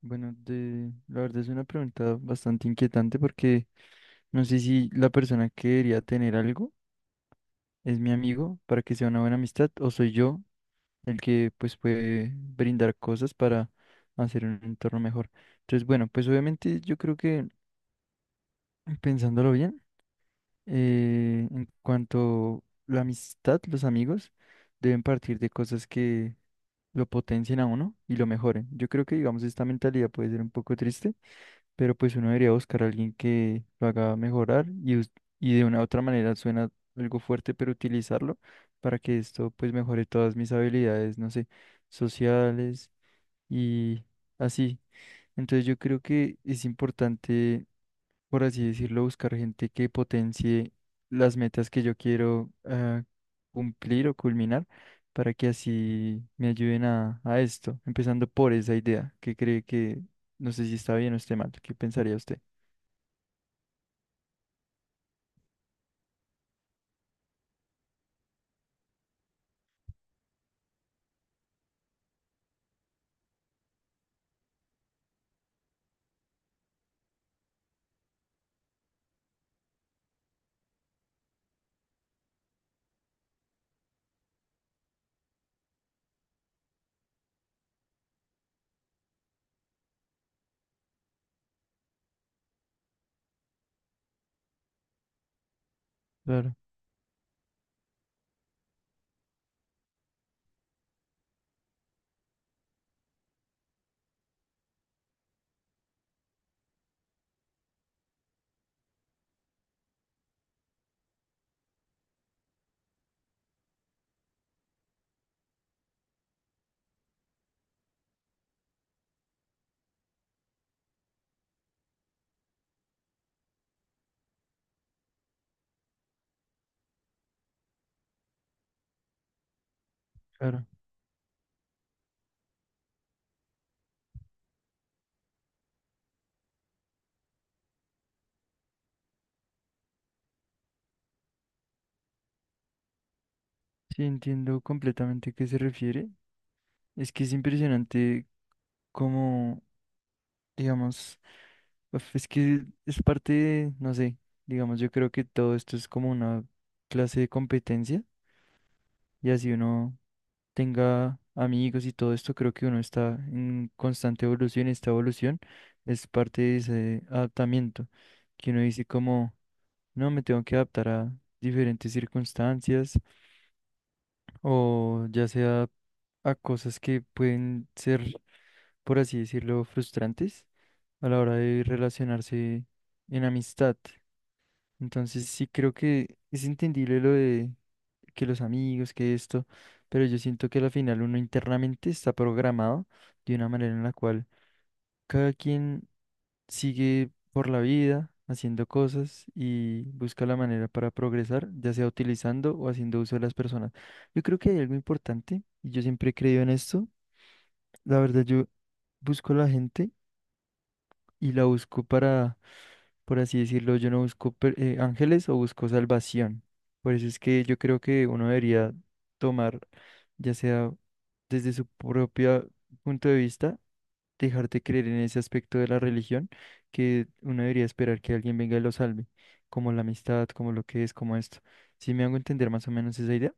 Bueno, la verdad es una pregunta bastante inquietante porque no sé si la persona que debería tener algo es mi amigo para que sea una buena amistad o soy yo el que pues puede brindar cosas para hacer un entorno mejor. Entonces, bueno, pues obviamente yo creo que pensándolo bien, en cuanto la amistad, los amigos deben partir de cosas que lo potencien a uno y lo mejoren. Yo creo que digamos esta mentalidad puede ser un poco triste pero pues uno debería buscar a alguien que lo haga mejorar y y de una u otra manera suena algo fuerte, pero utilizarlo para que esto pues mejore todas mis habilidades, no sé, sociales y así. Entonces yo creo que es importante, por así decirlo, buscar gente que potencie las metas que yo quiero cumplir o culminar para que así me ayuden a esto, empezando por esa idea que cree que, no sé si está bien o esté mal, ¿qué pensaría usted? Claro, claro. Sí, entiendo completamente a qué se refiere. Es que es impresionante cómo, digamos, uf, es que es parte de, no sé, digamos, yo creo que todo esto es como una clase de competencia y así uno tenga amigos y todo esto, creo que uno está en constante evolución y esta evolución es parte de ese adaptamiento que uno dice como, no, me tengo que adaptar a diferentes circunstancias o ya sea a cosas que pueden ser, por así decirlo, frustrantes a la hora de relacionarse en amistad. Entonces sí creo que es entendible lo de que los amigos, que esto, pero yo siento que al final uno internamente está programado de una manera en la cual cada quien sigue por la vida haciendo cosas y busca la manera para progresar, ya sea utilizando o haciendo uso de las personas. Yo creo que hay algo importante y yo siempre he creído en esto. La verdad, yo busco la gente y la busco para, por así decirlo, yo no busco ángeles o busco salvación. Por eso es que yo creo que uno debería tomar, ya sea desde su propio punto de vista, dejarte creer en ese aspecto de la religión que uno debería esperar que alguien venga y lo salve, como la amistad, como lo que es, como esto. ¿Si me hago entender más o menos esa idea?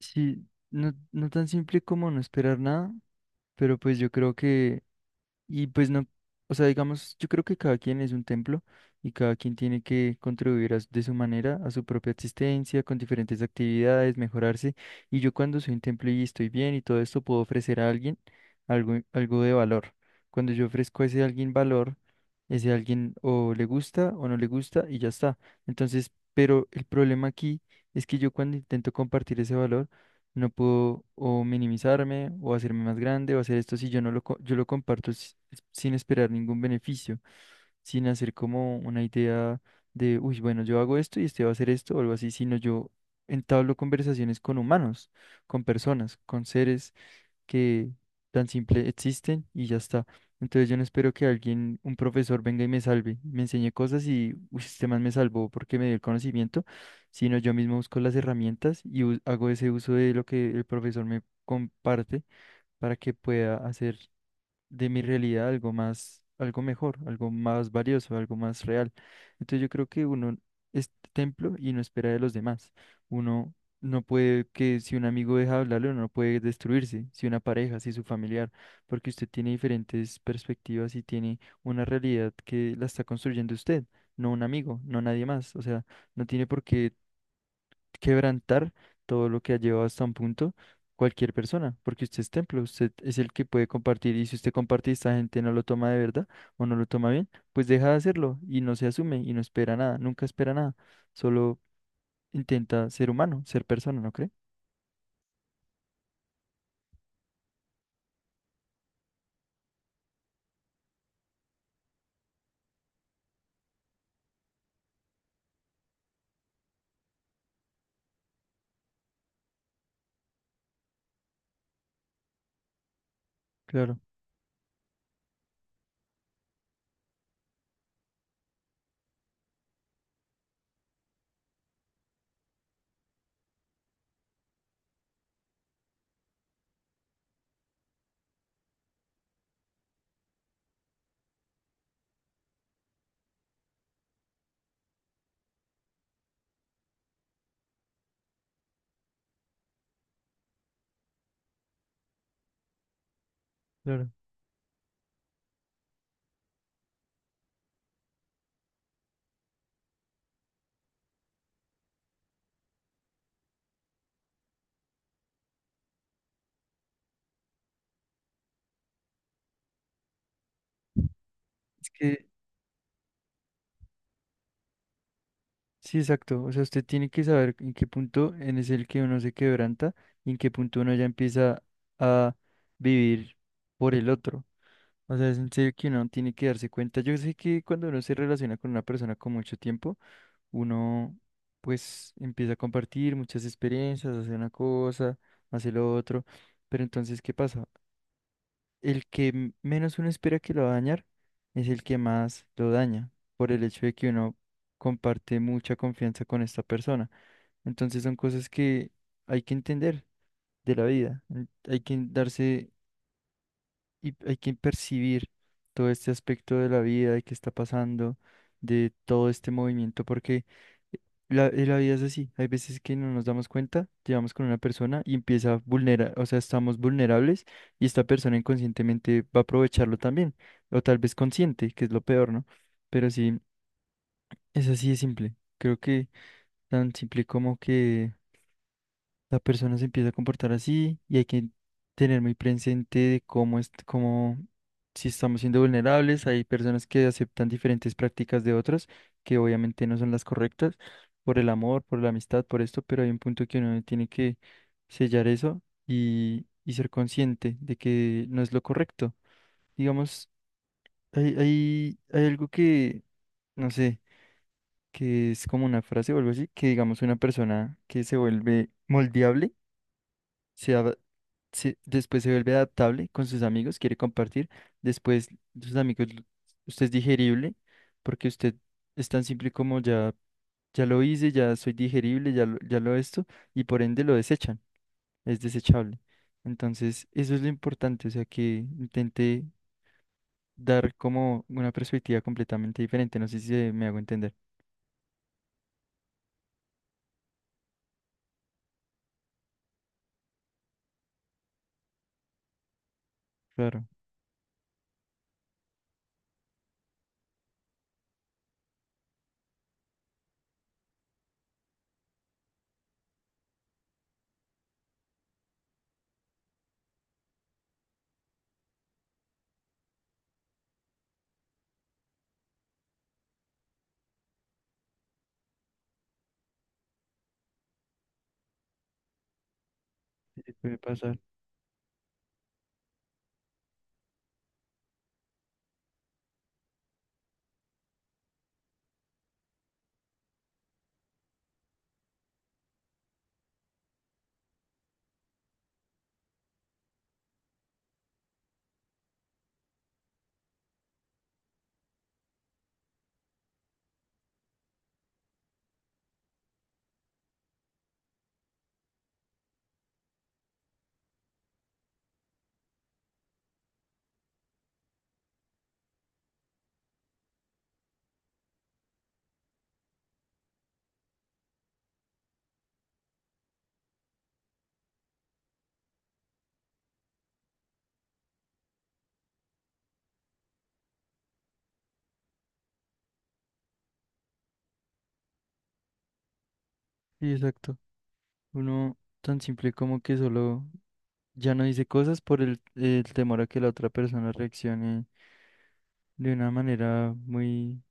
Sí, no, no tan simple como no esperar nada, pero pues yo creo que, y pues no, o sea, digamos, yo creo que cada quien es un templo y cada quien tiene que contribuir de su manera a su propia existencia, con diferentes actividades, mejorarse. Y yo cuando soy un templo y estoy bien y todo esto, puedo ofrecer a alguien algo, algo de valor. Cuando yo ofrezco a ese alguien valor, ese alguien o le gusta o no le gusta y ya está. Entonces, pero el problema aquí es que yo cuando intento compartir ese valor, no puedo o minimizarme o hacerme más grande o hacer esto si yo no yo lo comparto sin esperar ningún beneficio, sin hacer como una idea de, uy, bueno, yo hago esto y este va a hacer esto o algo así, sino yo entablo conversaciones con humanos, con personas, con seres que tan simple existen y ya está. Entonces yo no espero que alguien, un profesor venga y me salve, me enseñe cosas y uy, este man me salvó porque me dio el conocimiento, sino yo mismo busco las herramientas y hago ese uso de lo que el profesor me comparte para que pueda hacer de mi realidad algo más, algo mejor, algo más valioso, algo más real. Entonces yo creo que uno es templo y no espera de los demás. Uno no puede que si un amigo deja de hablarle, uno no puede destruirse, si una pareja, si su familiar, porque usted tiene diferentes perspectivas y tiene una realidad que la está construyendo usted, no un amigo, no nadie más. O sea, no tiene por qué quebrantar todo lo que ha llevado hasta un punto cualquier persona, porque usted es templo, usted es el que puede compartir y si usted comparte y esta gente no lo toma de verdad o no lo toma bien, pues deja de hacerlo y no se asume y no espera nada, nunca espera nada, solo intenta ser humano, ser persona, ¿no cree? Claro, claro. Es que sí, exacto, o sea, usted tiene que saber en qué punto en es el que uno se quebranta y en qué punto uno ya empieza a vivir por el otro. O sea, es en serio que uno tiene que darse cuenta. Yo sé que cuando uno se relaciona con una persona con mucho tiempo, uno pues empieza a compartir muchas experiencias, hace una cosa, hace lo otro. Pero entonces, ¿qué pasa? El que menos uno espera que lo va a dañar es el que más lo daña, por el hecho de que uno comparte mucha confianza con esta persona. Entonces son cosas que hay que entender de la vida. Hay que darse y hay que percibir todo este aspecto de la vida, de qué está pasando, de todo este movimiento, porque la la vida es así. Hay veces que no nos damos cuenta, llevamos con una persona y empieza a vulnerar, o sea, estamos vulnerables y esta persona inconscientemente va a aprovecharlo también, o tal vez consciente, que es lo peor, ¿no? Pero sí, es así de simple. Creo que tan simple como que la persona se empieza a comportar así y hay que tener muy presente de cómo es, cómo, si estamos siendo vulnerables, hay personas que aceptan diferentes prácticas de otros que obviamente no son las correctas por el amor, por la amistad, por esto, pero hay un punto que uno tiene que sellar eso y ser consciente de que no es lo correcto. Digamos, hay algo que, no sé, que es como una frase o algo así, que digamos una persona que se vuelve moldeable se ad- después se vuelve adaptable con sus amigos, quiere compartir, después sus amigos, usted es digerible, porque usted es tan simple como ya, ya lo hice, ya soy digerible, ya lo esto, y por ende lo desechan, es desechable. Entonces, eso es lo importante, o sea, que intente dar como una perspectiva completamente diferente, no sé si me hago entender. Claro, sí, puede pasar. Sí, exacto. Uno tan simple como que solo, ya no dice cosas por el temor a que la otra persona reaccione de una manera muy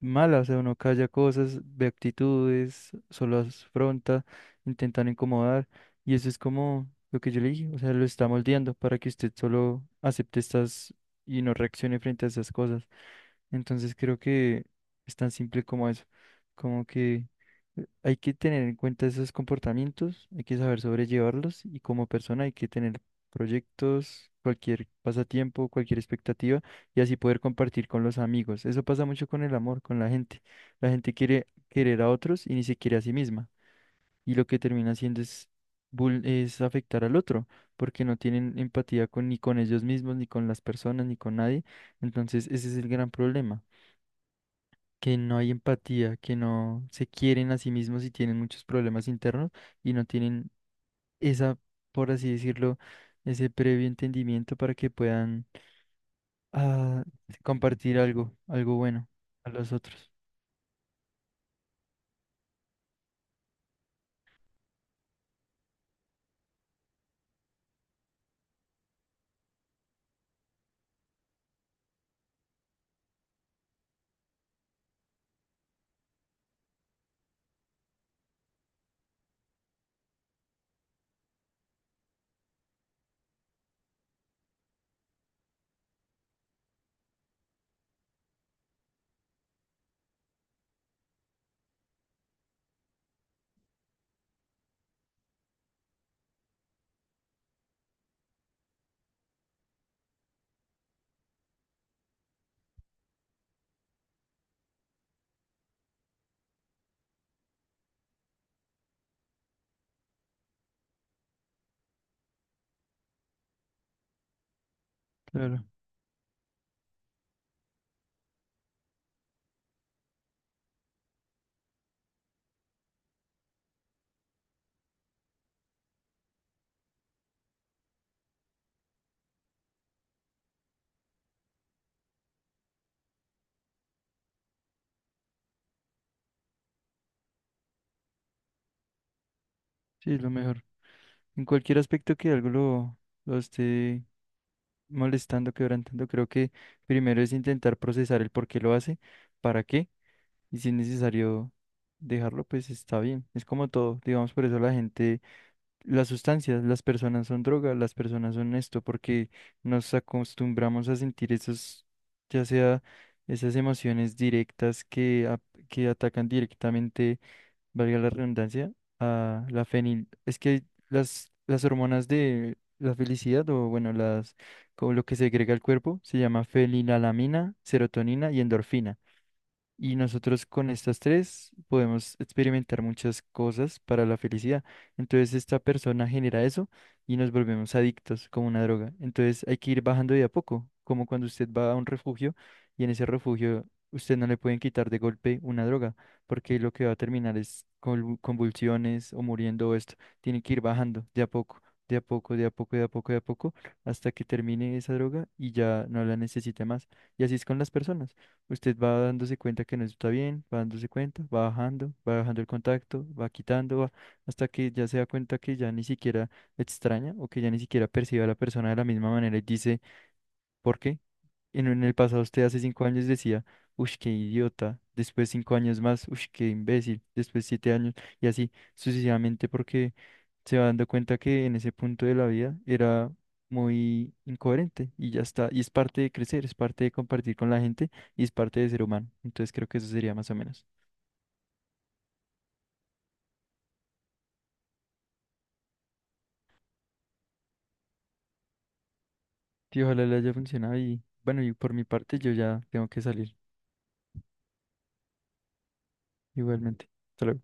mala, o sea, uno calla cosas, ve actitudes, solo las afronta, intentan incomodar, y eso es como lo que yo le dije, o sea, lo está moldeando para que usted solo acepte estas y no reaccione frente a esas cosas. Entonces creo que es tan simple como eso, como que hay que tener en cuenta esos comportamientos, hay que saber sobrellevarlos y como persona hay que tener proyectos, cualquier pasatiempo, cualquier expectativa y así poder compartir con los amigos. Eso pasa mucho con el amor, con la gente. La gente quiere querer a otros y ni se quiere a sí misma. Y lo que termina haciendo es, es afectar al otro, porque no tienen empatía con, ni con ellos mismos, ni con las personas, ni con nadie. Entonces, ese es el gran problema, que no hay empatía, que no se quieren a sí mismos y tienen muchos problemas internos y no tienen esa, por así decirlo, ese previo entendimiento para que puedan a compartir algo, algo bueno a los otros. Claro, sí, es lo mejor. En cualquier aspecto que algo lo esté molestando, quebrantando, creo que primero es intentar procesar el por qué lo hace, para qué, y si es necesario dejarlo, pues está bien. Es como todo, digamos, por eso la gente, las sustancias, las personas son drogas, las personas son esto, porque nos acostumbramos a sentir esos, ya sea esas emociones directas que, que atacan directamente valga la redundancia, a la fenil. Es que las hormonas de la felicidad, o bueno, las, como lo que segrega el cuerpo, se llama fenilalanina, serotonina y endorfina. Y nosotros con estas tres podemos experimentar muchas cosas para la felicidad. Entonces esta persona genera eso y nos volvemos adictos como una droga. Entonces hay que ir bajando de a poco, como cuando usted va a un refugio y en ese refugio usted no le pueden quitar de golpe una droga, porque lo que va a terminar es con convulsiones o muriendo o esto. Tiene que ir bajando de a poco, de a poco, de a poco, de a poco, de a poco, hasta que termine esa droga y ya no la necesite más. Y así es con las personas. Usted va dándose cuenta que no está bien, va dándose cuenta, va bajando el contacto, va quitando, hasta que ya se da cuenta que ya ni siquiera extraña o que ya ni siquiera percibe a la persona de la misma manera y dice, ¿por qué? En el pasado usted hace 5 años decía, uff, qué idiota, después 5 años más, uff, qué imbécil, después 7 años y así sucesivamente porque se va dando cuenta que en ese punto de la vida era muy incoherente y ya está. Y es parte de crecer, es parte de compartir con la gente y es parte de ser humano. Entonces creo que eso sería más o menos. Y ojalá le haya funcionado y bueno, y por mi parte yo ya tengo que salir igualmente. Hasta luego.